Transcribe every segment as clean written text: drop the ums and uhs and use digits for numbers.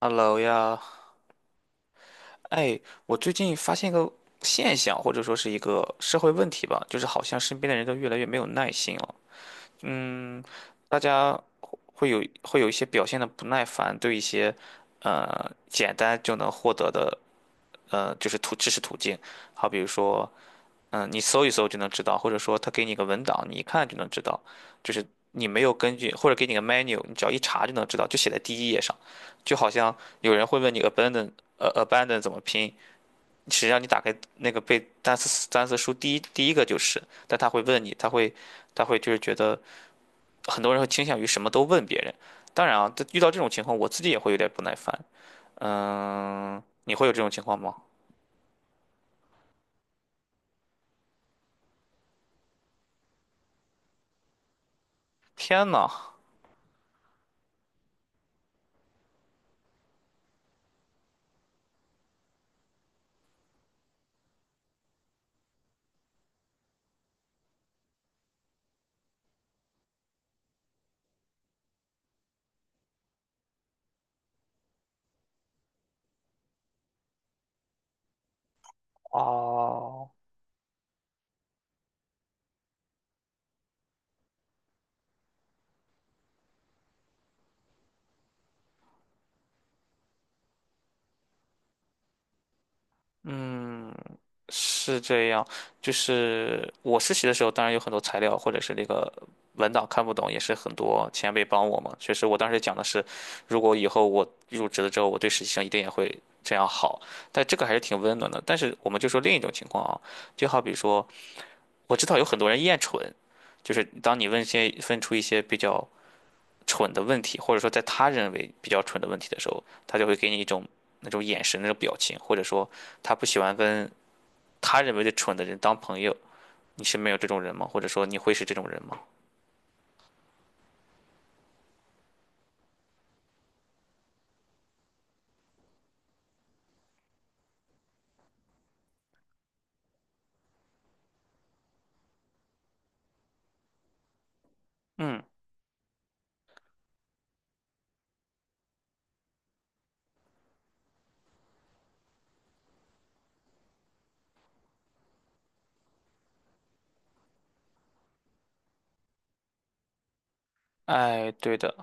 Hello 呀。哎，我最近发现一个现象，或者说是一个社会问题吧，就是好像身边的人都越来越没有耐心了。嗯，大家会有一些表现的不耐烦，对一些简单就能获得的就是途知识途径，好比如说，嗯，你搜一搜就能知道，或者说他给你个文档，你一看就能知道，就是你没有根据，或者给你个 menu,你只要一查就能知道，就写在第一页上，就好像有人会问你 abandon, abandon 怎么拼。实际上你打开那个背单词单词书第一个就是，但他会问你，他会他会就是觉得很多人会倾向于什么都问别人。当然啊，这遇到这种情况，我自己也会有点不耐烦。嗯，你会有这种情况吗？天呐！啊！嗯，是这样。就是我实习的时候，当然有很多材料或者是那个文档看不懂，也是很多前辈帮我嘛。确实，我当时讲的是，如果以后我入职了之后，我对实习生一定也会这样好。但这个还是挺温暖的。但是我们就说另一种情况啊，就好比说，我知道有很多人厌蠢，就是当你问些问出一些比较蠢的问题，或者说在他认为比较蠢的问题的时候，他就会给你一种那种眼神、那种表情，或者说他不喜欢跟。他认为的蠢的人当朋友。你身边有这种人吗？或者说你会是这种人吗？嗯。哎，对的。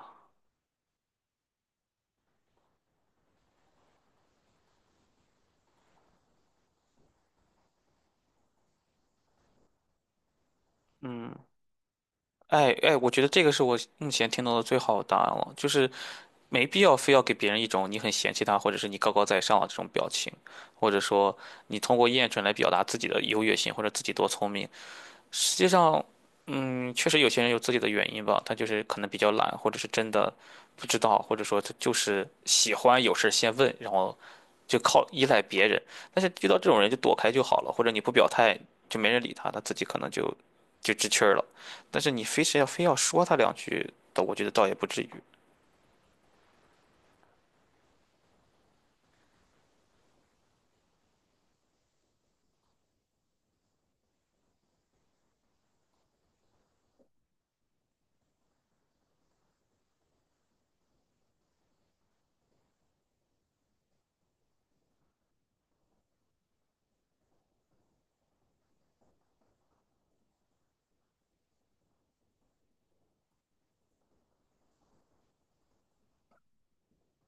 嗯，哎，我觉得这个是我目前听到的最好的答案了，就是没必要非要给别人一种你很嫌弃他，或者是你高高在上的这种表情，或者说你通过厌蠢来表达自己的优越性或者自己多聪明。实际上，嗯，确实有些人有自己的原因吧，他就是可能比较懒，或者是真的不知道，或者说他就是喜欢有事先问，然后就靠依赖别人。但是遇到这种人就躲开就好了，或者你不表态就没人理他，他自己可能就知趣儿了。但是你非要说他两句的，我觉得倒也不至于。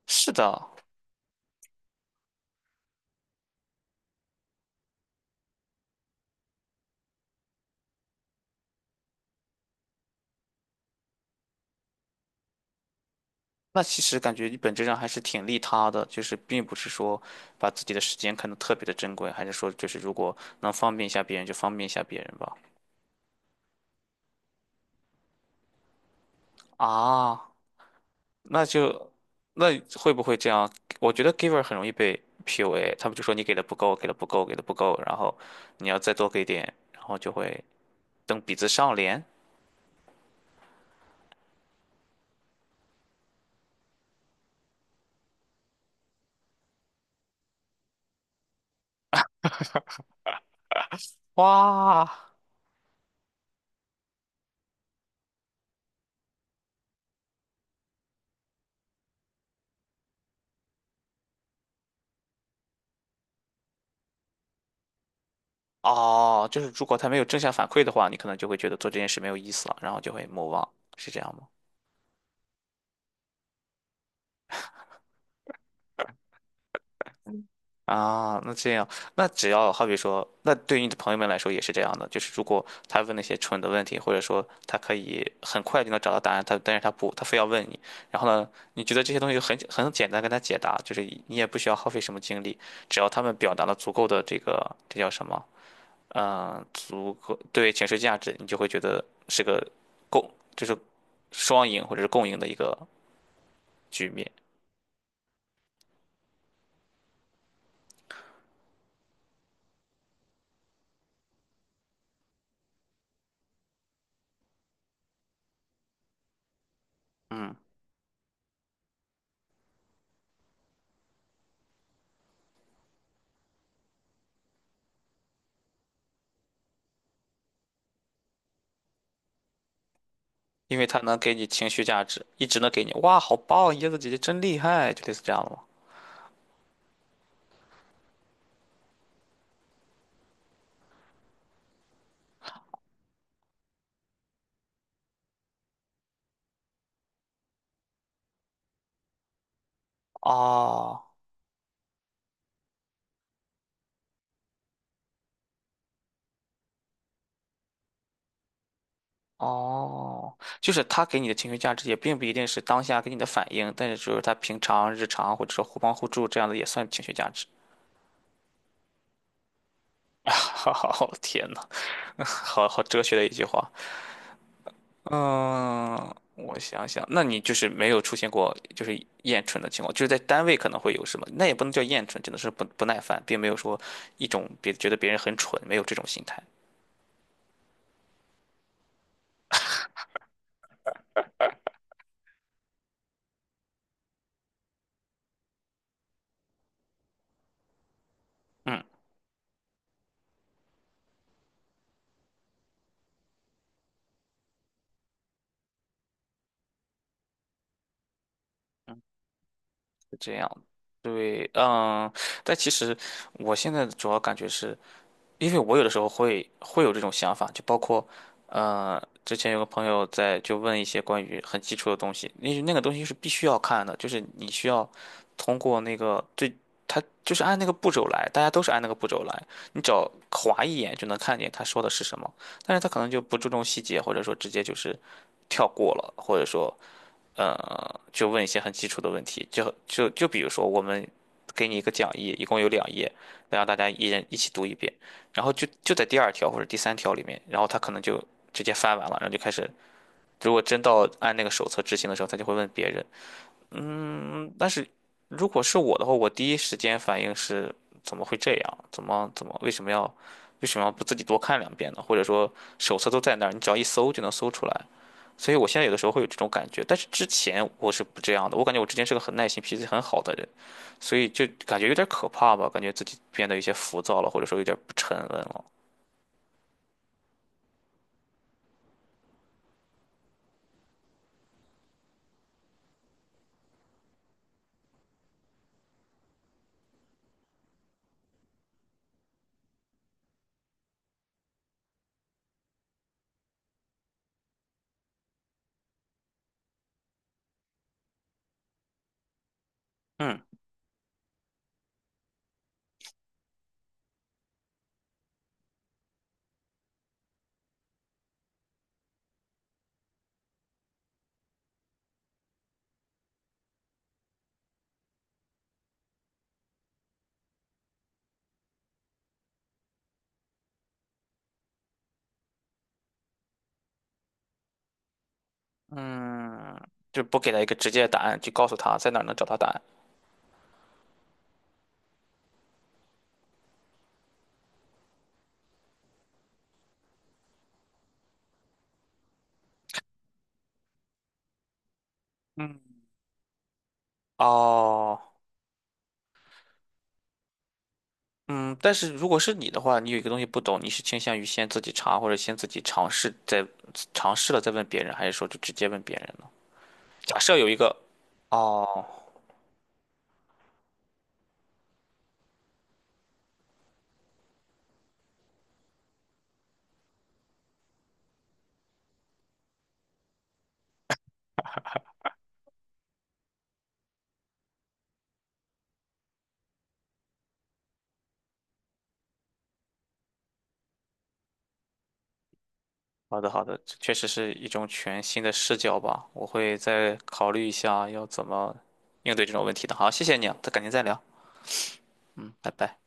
是的。那其实感觉你本质上还是挺利他的，就是并不是说把自己的时间看得特别的珍贵，还是说就是如果能方便一下别人就方便一下别人吧。啊。那就那会不会这样？我觉得 giver 很容易被 PUA,他们就说你给的不够然后你要再多给点，然后就会蹬鼻子上脸。哇。哦，就是如果他没有正向反馈的话，你可能就会觉得做这件事没有意思了，然后就会 m o, 是这样吗？啊，那这样，那只要好比说，那对于你的朋友们来说也是这样的，就是如果他问那些蠢的问题，或者说他可以很快就能找到答案，他但是他不，他非要问你，然后呢，你觉得这些东西很简单，跟他解答，就是你也不需要耗费什么精力，只要他们表达了足够的这个这叫什么，嗯、足够对情绪价值，你就会觉得是个共，就是双赢或者是共赢的一个局面。因为他能给你情绪价值，一直能给你"哇，好棒，椰子姐姐真厉害"，就类似这样的吗？哦，哦，就是他给你的情绪价值也并不一定是当下给你的反应，但是就是他平常日常或者说互帮互助这样的也算情绪价值。好，天呐，好好哲学的一句话。嗯，我想想，那你就是没有出现过就是厌蠢的情况，就是在单位可能会有什么，那也不能叫厌蠢，只能是不耐烦，并没有说一种别觉得别人很蠢，没有这种心态。嗯嗯，是这样。对。嗯，但其实我现在主要感觉是，因为我有的时候会有这种想法，就包括，之前有个朋友在就问一些关于很基础的东西，那那个东西是必须要看的，就是你需要通过那个最，他就是按那个步骤来，大家都是按那个步骤来，你只要划一眼就能看见他说的是什么，但是他可能就不注重细节，或者说直接就是跳过了，或者说就问一些很基础的问题，就比如说，我们给你一个讲义，一共有两页，那让大家一人一起读一遍，然后就在第二条或者第三条里面，然后他可能就直接翻完了，然后就开始，如果真到按那个手册执行的时候，他就会问别人。嗯，但是如果是我的话，我第一时间反应是怎么会这样？怎么为什么要不自己多看两遍呢？或者说手册都在那儿，你只要一搜就能搜出来。所以我现在有的时候会有这种感觉，但是之前我是不这样的，我感觉我之前是个很耐心、脾气很好的人，所以就感觉有点可怕吧，感觉自己变得有些浮躁了，或者说有点不沉稳了。嗯。嗯，就不给他一个直接的答案，就告诉他在哪儿能找到答案。嗯，哦，嗯，但是如果是你的话，你有一个东西不懂，你是倾向于先自己查，或者先自己尝试再尝试了再问别人，还是说就直接问别人呢？假设有一个，哦，好的，好的，这确实是一种全新的视角吧，我会再考虑一下要怎么应对这种问题的。好，谢谢你啊，再改天再聊。嗯，拜拜。